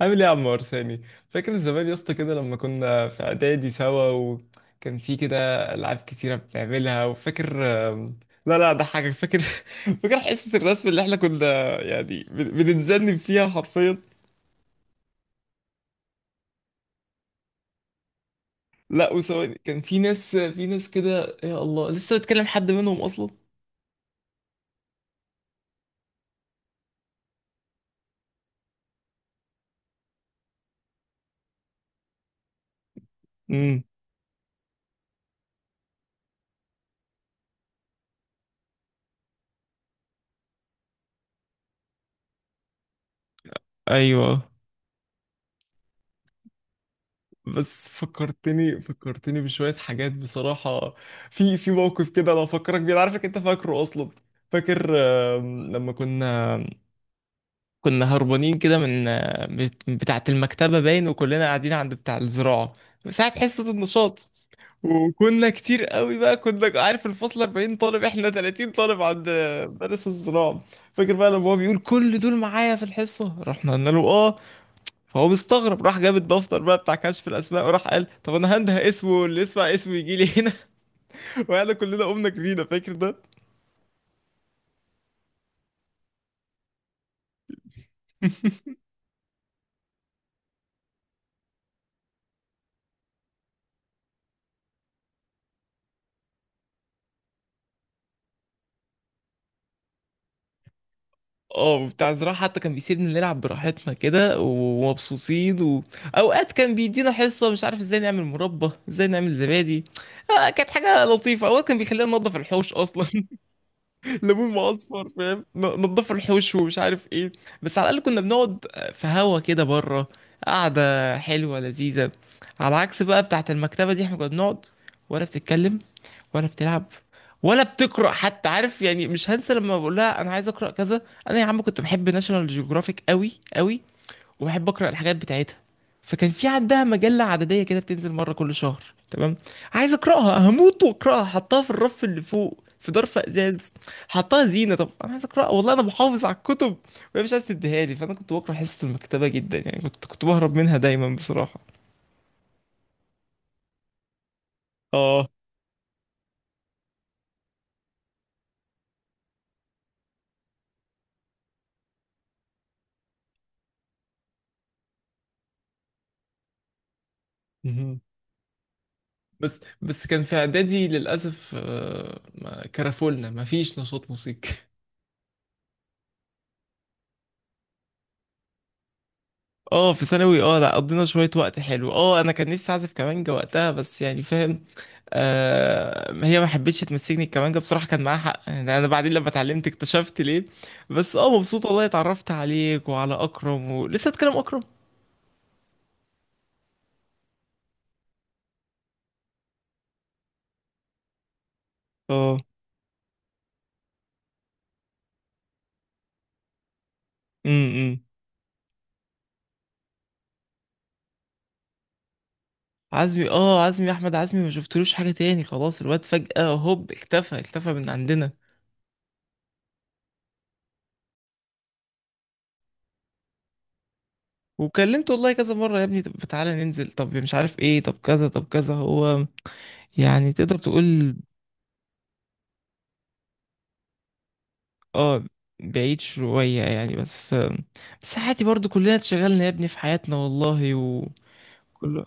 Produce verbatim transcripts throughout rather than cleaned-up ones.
عامل ايه يا عم ارساني؟ فاكر زمان يا اسطى كده لما كنا في اعدادي سوا، وكان في كده العاب كتيره بتعملها؟ وفاكر؟ آم، لا لا، ده حاجه، فاكر؟ فاكر حصه الرسم اللي احنا كنا يعني بن- بنتذنب فيها حرفيا؟ لا، وسواء كان في ناس في ناس كده، يا الله، لسه بتكلم حد منهم اصلا؟ امم. ايوه. بس فكرتني، فكرتني بشويه حاجات بصراحه. في في موقف كده لو افكرك بيه، أنا عارفك انت فاكره اصلا. فاكر؟ آم، لما كنا كنا هربانين كده من بت- بتاعة المكتبة، باين، وكلنا قاعدين عند بتاع الزراعة ساعة حصة النشاط. وكنا كتير قوي بقى، كنا عارف الفصل أربعين طالب، احنا ثلاثين طالب عند مدرس الزراعة. فاكر بقى لما هو بيقول كل دول معايا في الحصة؟ رحنا قلنا له اه. فهو مستغرب، راح جاب الدفتر بقى بتاع كشف الاسماء، وراح قال، طب انا هنده اسمه، اللي يسمع اسمه يجي لي هنا. وقعدنا كلنا قمنا جرينا، فاكر ده؟ اه، بتاع زراعة حتى كان بيسيبنا نلعب براحتنا كده ومبسوطين و... اوقات كان بيدينا حصة، مش عارف ازاي نعمل مربى، ازاي نعمل زبادي. آه، كانت حاجة لطيفة. اوقات كان بيخلينا ننضف الحوش اصلا. ليمون معصفر، فاهم؟ ن- نضفوا الحوش ومش عارف ايه. بس على الاقل كنا بنقعد في هوا كده، بره، قعده حلوه لذيذه. على عكس بقى بتاعه المكتبه دي، احنا كنا بنقعد، ولا بتتكلم، ولا بتلعب، ولا بتقرا حتى، عارف يعني. مش هنسى لما بقول لها انا عايز اقرا كذا. انا يا عم كنت بحب ناشونال جيوغرافيك قوي قوي، وبحب اقرا الحاجات بتاعتها. فكان في عندها مجله عدديه كده بتنزل مره كل شهر. تمام. عايز اقراها، هموت واقراها، حطها في الرف اللي فوق في ظرف ازاز. حطها زينه. طب انا عايز اقراها، والله انا محافظ على الكتب، وهي مش عايز تديها لي. فانا كنت بكره حصه المكتبه جدا، يعني كنت كنت بهرب منها دايما بصراحه. اه. مهم. بس بس كان في اعدادي للاسف، آه، ما- كرفولنا ما فيش نشاط موسيقي. اه، في ثانوي، اه، لا، قضينا شوية وقت حلو. اه، انا كان نفسي اعزف كمانجة وقتها، بس يعني، فاهم. آه، هي ما حبتش تمسكني الكمانجة بصراحة، كان معاها حق يعني، انا بعدين لما اتعلمت اكتشفت ليه. بس اه، مبسوط والله اتعرفت عليك وعلى اكرم، ولسه اتكلم اكرم. اه. امم. عزمي، اه، عزمي، احمد عزمي ما شفتلوش حاجة تاني خلاص. الواد فجأة هوب، اختفى، اختفى من عندنا. وكلمته والله كذا مرة، يا ابني طب تعالى ننزل، طب مش عارف ايه، طب كذا، طب كذا. هو يعني تقدر تقول اه، بعيد شوية يعني. بس، بس عادي، برضو كلنا اتشغلنا يا ابني في حياتنا، والله. و... كله.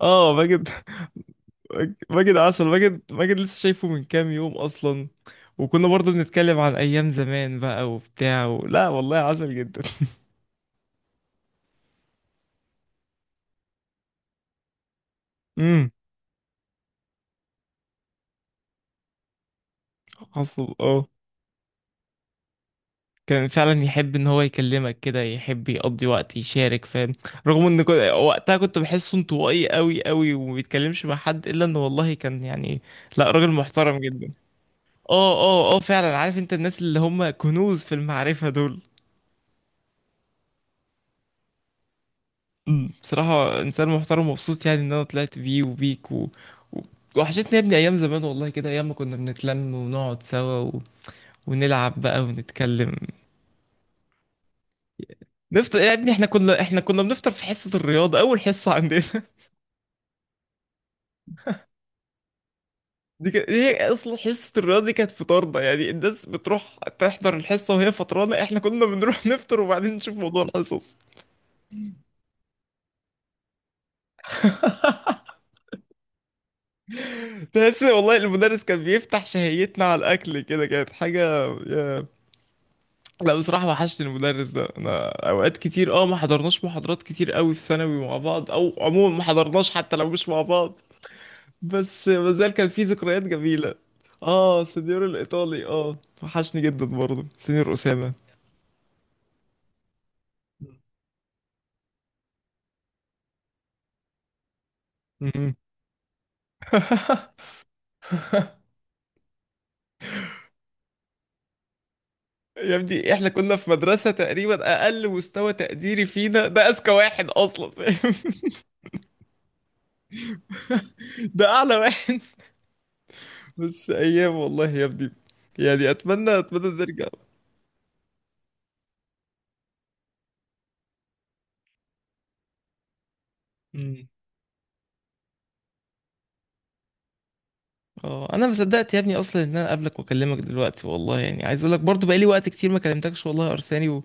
اه، ماجد. ماجد عسل. ماجد، ماجد لسه شايفه من كام يوم اصلا. وكنا برضو بنتكلم عن ايام زمان بقى وبتاع و... لا والله عسل جدا. امم. حصل اه. كان فعلا يحب ان هو يكلمك كده، يحب يقضي وقت، يشارك، فاهم. رغم ان كنت... وقتها كنت بحسه انطوائي قوي قوي وما بيتكلمش مع حد، الا انه والله كان، يعني لا، راجل محترم جدا. اه، اه، اه، فعلا. عارف انت الناس اللي هم كنوز في المعرفة دول. مم. بصراحة انسان محترم. ومبسوط يعني ان انا طلعت بيه وبيك و... و... وحشتني يا ابني ايام زمان، والله، كده، ايام ما كنا بنتلم ونقعد سوا و... ونلعب بقى ونتكلم. نفطر يا ابني، احنا كنا احنا كنا بنفطر في حصة الرياضة، اول حصة عندنا. دي كانت هي اصلا، حصة الرياضة دي كانت فطارنا. يعني الناس بتروح تحضر الحصة وهي فطرانة، احنا كنا بنروح نفطر وبعدين نشوف موضوع الحصص. بس والله المدرس كان بيفتح شهيتنا على الأكل كده، كانت حاجة. يا- لا بصراحة، وحشني المدرس ده. أنا أوقات كتير، أه، ما حضرناش محاضرات كتير قوي في ثانوي مع بعض، أو عموما ما حضرناش حتى لو مش مع بعض. بس مازال كان في ذكريات جميلة. أه، سنيور الإيطالي، أه، وحشني جدا برضه سنيور أسامة. مم. يا ابني احنا كنا في مدرسة تقريبا أقل مستوى تقديري فينا ده أذكى واحد أصلا، فاهم؟ ده أعلى واحد. بس ايام والله يا ابني. يعني اتمنى، اتمنى ترجع. مم. اه، انا ما صدقت يا ابني اصلا ان انا اقابلك واكلمك دلوقتي، والله. يعني عايز اقول لك برضو بقالي وقت كتير ما كلمتكش والله يا ارساني و...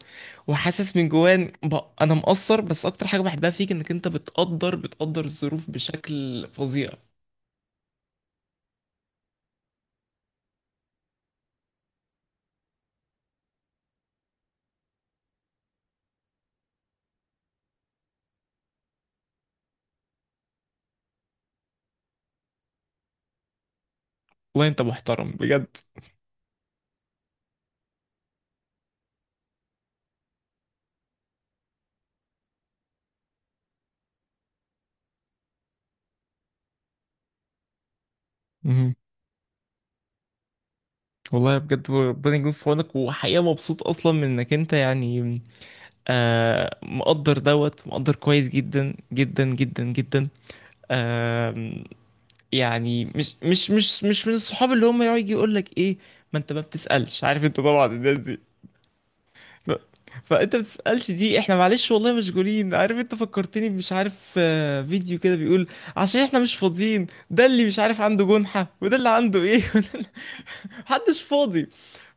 وحاسس من جوان ب... انا مقصر. بس اكتر حاجه بحبها فيك انك انت بتقدر بتقدر الظروف بشكل فظيع. والله انت محترم بجد. مهم. والله بجد ربنا يكون في عونك. وحقيقة مبسوط أصلا من إنك أنت يعني آه مقدر، دوت مقدر كويس جدا جدا جدا جدا. يعني مش مش مش مش من الصحاب اللي هم يقعد يجي يقول لك ايه، ما انت ما بتسألش، عارف انت طبعا الناس دي. ف... فانت ما بتسألش. دي احنا معلش والله مشغولين. عارف انت فكرتني، مش عارف آه، فيديو كده بيقول عشان احنا مش فاضيين، ده اللي مش عارف عنده جنحة، وده اللي عنده ايه، وده اللي- محدش فاضي.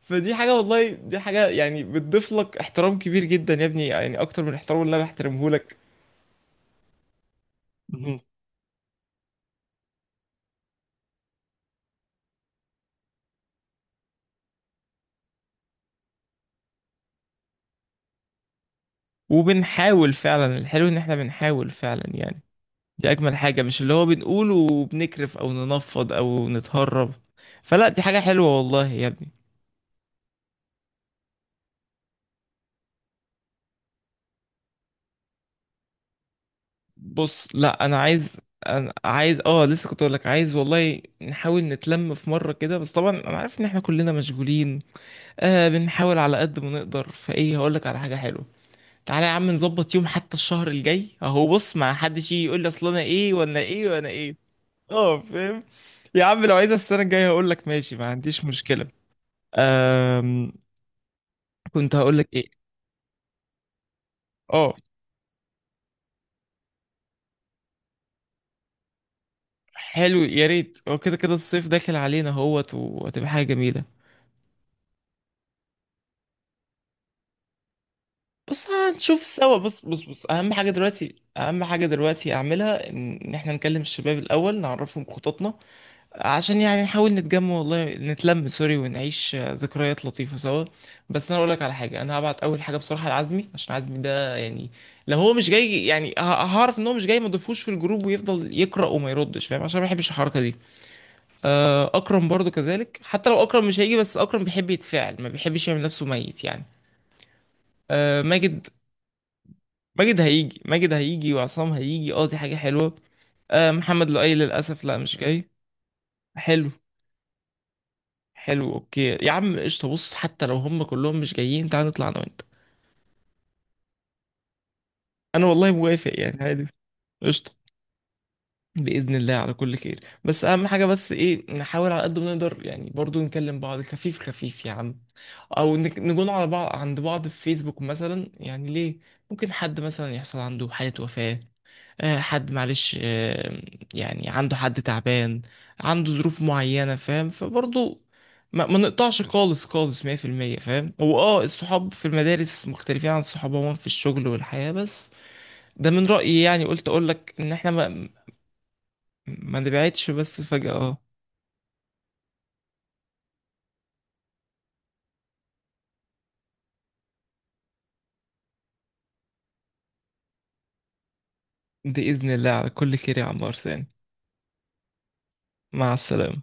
فدي حاجة، والله دي حاجة يعني بتضيف لك احترام كبير جدا يا ابني، يعني اكتر من الاحترام اللي انا بحترمه لك. مهم. وبنحاول فعلا. الحلو ان احنا بنحاول فعلا، يعني، دي اجمل حاجة، مش اللي هو بنقوله وبنكرف او ننفض او نتهرب. فلا، دي حاجة حلوة والله يا ابني. بص، لا انا عايز، أنا عايز، اه لسه كنت اقول لك، عايز والله نحاول نتلم في مرة كده، بس طبعا انا عارف ان احنا كلنا مشغولين. آه، بنحاول على قد ما نقدر. فايه، هقول لك على حاجة حلوة. تعالى يا عم نظبط يوم، حتى الشهر الجاي اهو. بص ما حدش يجي يقول لي اصل انا ايه وانا ايه وانا ايه. اه فاهم. يا عم لو عايز السنة الجاية هقول لك ماشي، ما عنديش مشكلة. أم... كنت هقول لك. اه، حلو، يا ريت، هو كده كده الصيف داخل علينا اهوت وهتبقى حاجه جميله. بص هنشوف سوا، بص بص بص، اهم حاجه دلوقتي، اهم حاجه دلوقتي اعملها، ان إن احنا نكلم الشباب الاول، نعرفهم خططنا. عشان يعني نحاول نتجمع، والله نتلم سوري، ونعيش آه، ذكريات لطيفه سوا. بس انا اقول لك على حاجه، انا هبعت اول حاجه بصراحه لعزمي عشان عزمي ده يعني، لو هو مش جاي يعني ه- هعرف ان هو مش جاي، ما اضيفوش في الجروب ويفضل يقرا وما يردش، فاهم، عشان ما بحبش الحركه دي. آه، اكرم برضو كذلك، حتى لو اكرم مش هيجي، بس اكرم بيحب يتفاعل، ما بيحبش يعمل نفسه ميت يعني. آه، ماجد، ماجد هيجي، ماجد هيجي، وعصام هيجي، اه دي حاجة حلوة. آه، محمد لؤي للأسف لا، مش جاي. حلو. حلو، اوكي يا عم، قشطة. بص حتى لو هم كلهم مش جايين، تعال نطلع انا وانت. انا والله موافق، يعني عادي. قشطة. بإذن الله على كل خير. بس أهم حاجة، بس إيه، نحاول على قد ما نقدر يعني برضو نكلم بعض خفيف خفيف يا عم. أو نك- نكون على بعض عند بعض في فيسبوك مثلا يعني، ليه؟ ممكن حد مثلا يحصل عنده حالة وفاة، آه، حد معلش، آه، يعني عنده حد تعبان، عنده ظروف معينة، فاهم؟ فبرضو ما, ما نقطعش خالص خالص مية في المية فاهم. هو اه الصحاب في المدارس مختلفين عن الصحاب عموما في الشغل والحياة، بس ده من رأيي يعني. قلت اقول لك ان احنا ما ما نبعدش بس فجأة اه. بإذن الله على كل خير يا عمار ثاني. مع السلامة.